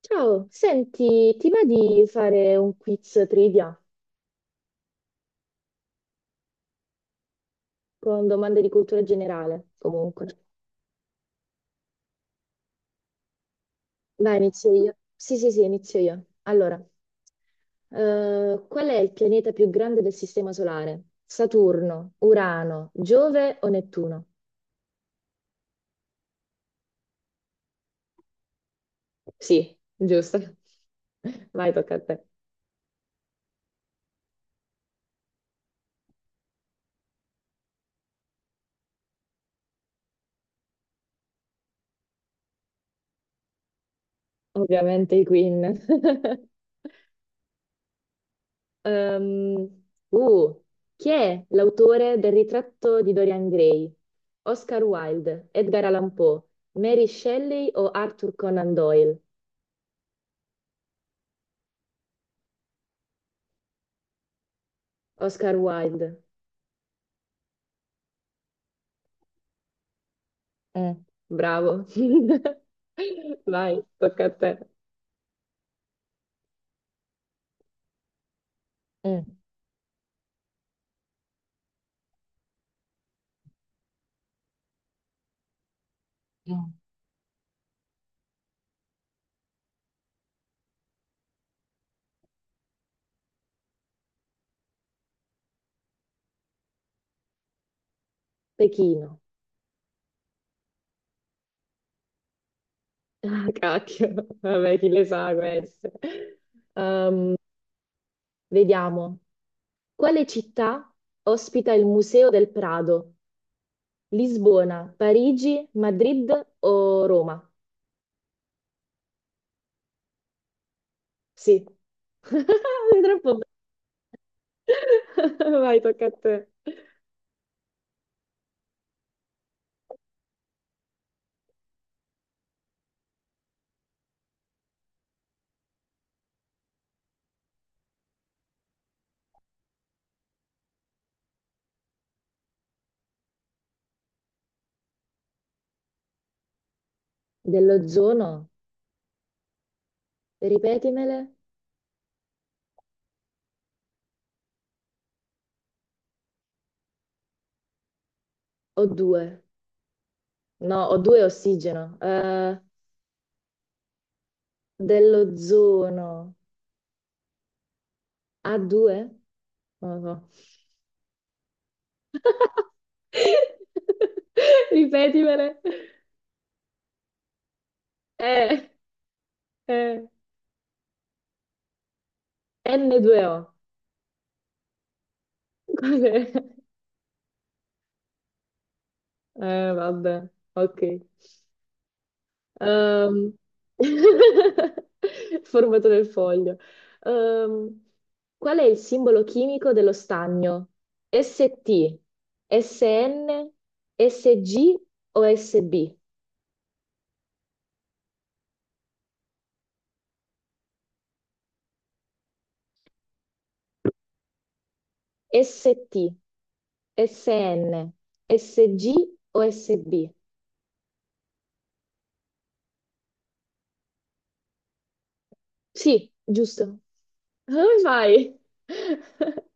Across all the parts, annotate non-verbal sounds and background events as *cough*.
Ciao, senti, ti va di fare un quiz trivia con domande di cultura generale? Comunque, dai, inizio io. Sì, inizio io. Allora, qual è il pianeta più grande del Sistema Solare? Saturno, Urano, Giove o Nettuno? Sì, giusto. *laughs* Vai, tocca a te. Ovviamente i Queen. *laughs* Ehm, uh, chi è l'autore del ritratto di Dorian Gray? Oscar Wilde, Edgar Allan Poe, Mary Shelley o Arthur Conan Doyle? Oscar Wilde. Mm, bravo. *laughs* Vai, tocca a te. Mm, mm. Pechino. Ah, cacchio. Vabbè, chi le sa queste. Ehm, vediamo. Quale città ospita il Museo del Prado? Lisbona, Parigi, Madrid o Roma? Sì. *laughs* Sei troppo brava. *laughs* Vai, tocca a te. Dell'ozono, ripetimele. O2. No, O2 è ossigeno. Dell'ozono. A2? Non lo so. *laughs* Ripetimele. Eh, eh. N2O. Cos'è? *laughs* Vabbè. Ok. Ehm, *laughs* formato del foglio. Ehm, qual è il simbolo chimico dello stagno? ST, SN, SG o SB? ST, SN, SG o SB? Sì, giusto. Come fai? *laughs*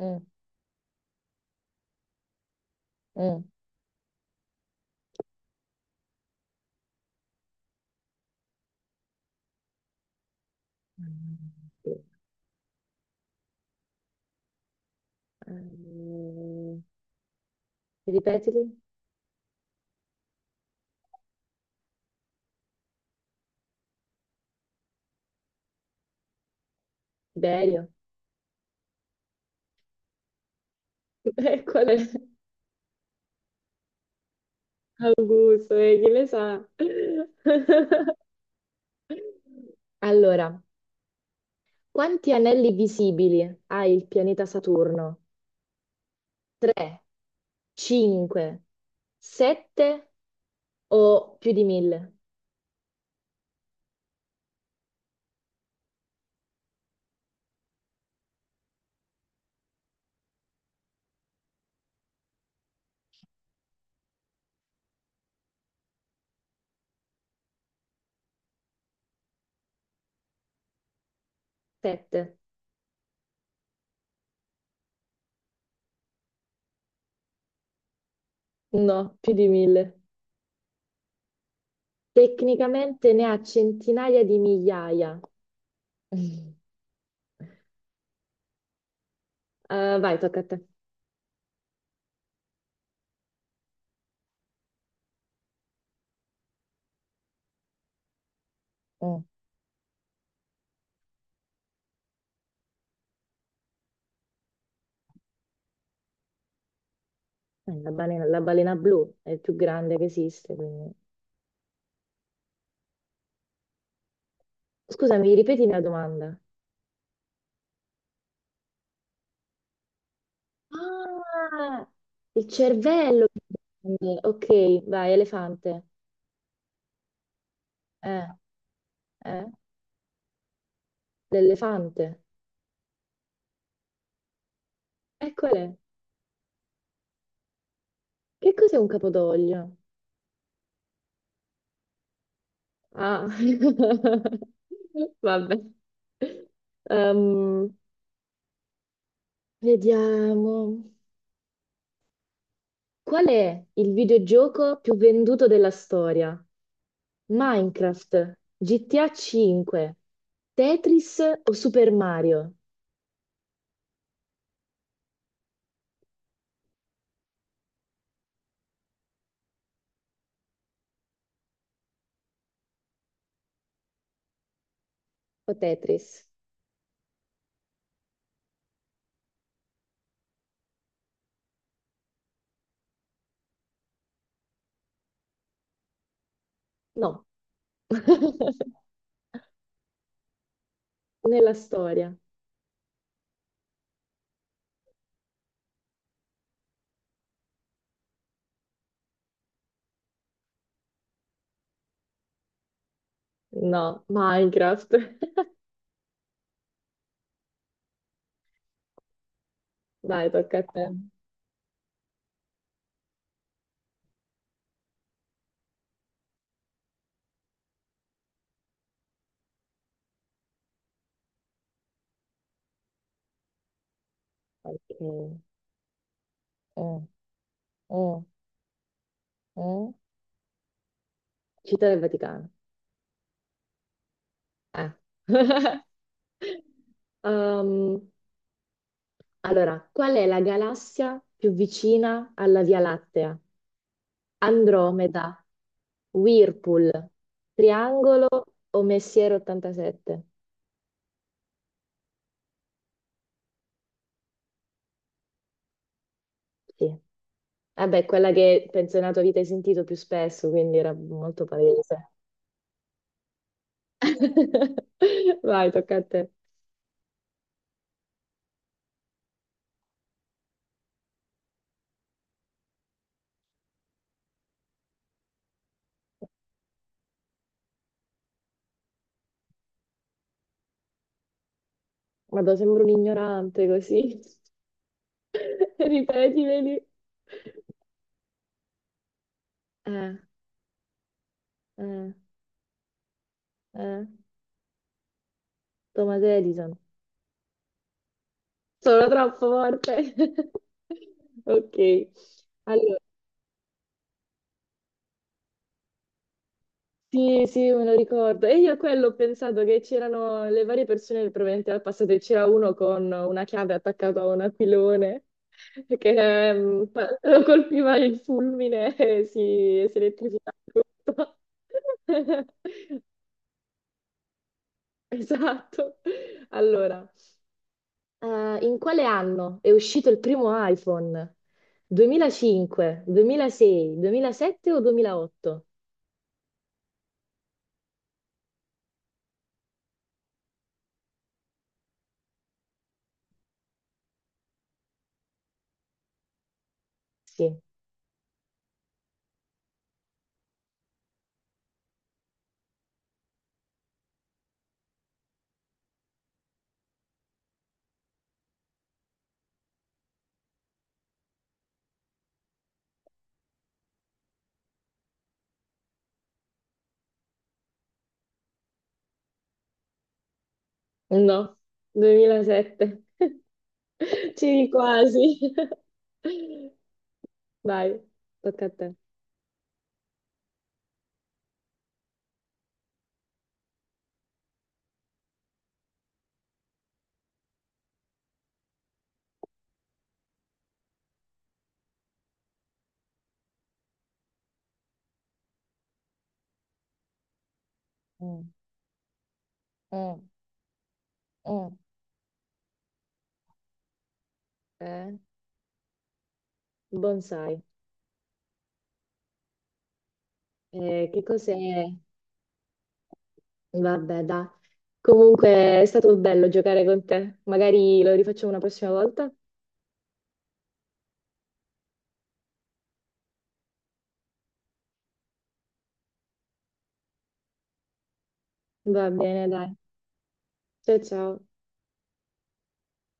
Mm, mm. Mm, sì. Ehm, ripetili? Tiberio. *laughs* Qual è? Gusto, chi le sa? *laughs* Allora, quanti anelli visibili ha il pianeta Saturno? 3, 5, 7 o più di 1000? 7. No, più di 1000. Tecnicamente ne ha centinaia di migliaia. *laughs* Vai, tocca a te. Mm. La balena blu è il più grande che esiste, quindi- scusami, ripeti la domanda. Ah, il cervello, quindi. Ok, vai, elefante. Eh, eh, l'elefante. Eccole. Che cos'è un capodoglio? Ah, *laughs* vabbè. Ehm, vediamo. Qual è il videogioco più venduto della storia? Minecraft, GTA 5, Tetris o Super Mario? O Tetris? No. *laughs* Nella storia. No, Minecraft. *laughs* Dai, tocca a te. Ok. Mm, mm, mm. Città del Vaticano. Eh. *laughs* Um, allora, qual è la galassia più vicina alla Via Lattea? Andromeda, Whirlpool, Triangolo o Messier 87? Sì. Vabbè, quella che penso nella tua vita hai sentito più spesso, quindi era molto palese. *laughs* Vai, tocca a te. Vado, sembro un ignorante così. *laughs* Ripetimeli. Eh, eh, eh. Thomas Edison. Sono troppo forte. *laughs* Ok. Allora, sì, sì, me lo ricordo. E io a quello ho pensato che c'erano le varie persone provenienti dal passato e c'era uno con una chiave attaccata a un aquilone *laughs* che lo colpiva il fulmine e si elettrificava tutto. *laughs* *laughs* Esatto. Allora, in quale anno è uscito il primo iPhone? 2005, 2006, 2007 o 2008? Sì. No, 2007. *laughs* C'eri quasi. *laughs* Vai, tocca a te. Mm, mm, mm. Eh, bonsai. Che cos'è? Vabbè, dai. Comunque è stato bello giocare con te. Magari lo rifacciamo una prossima volta. Va bene, dai. Ciao ciao.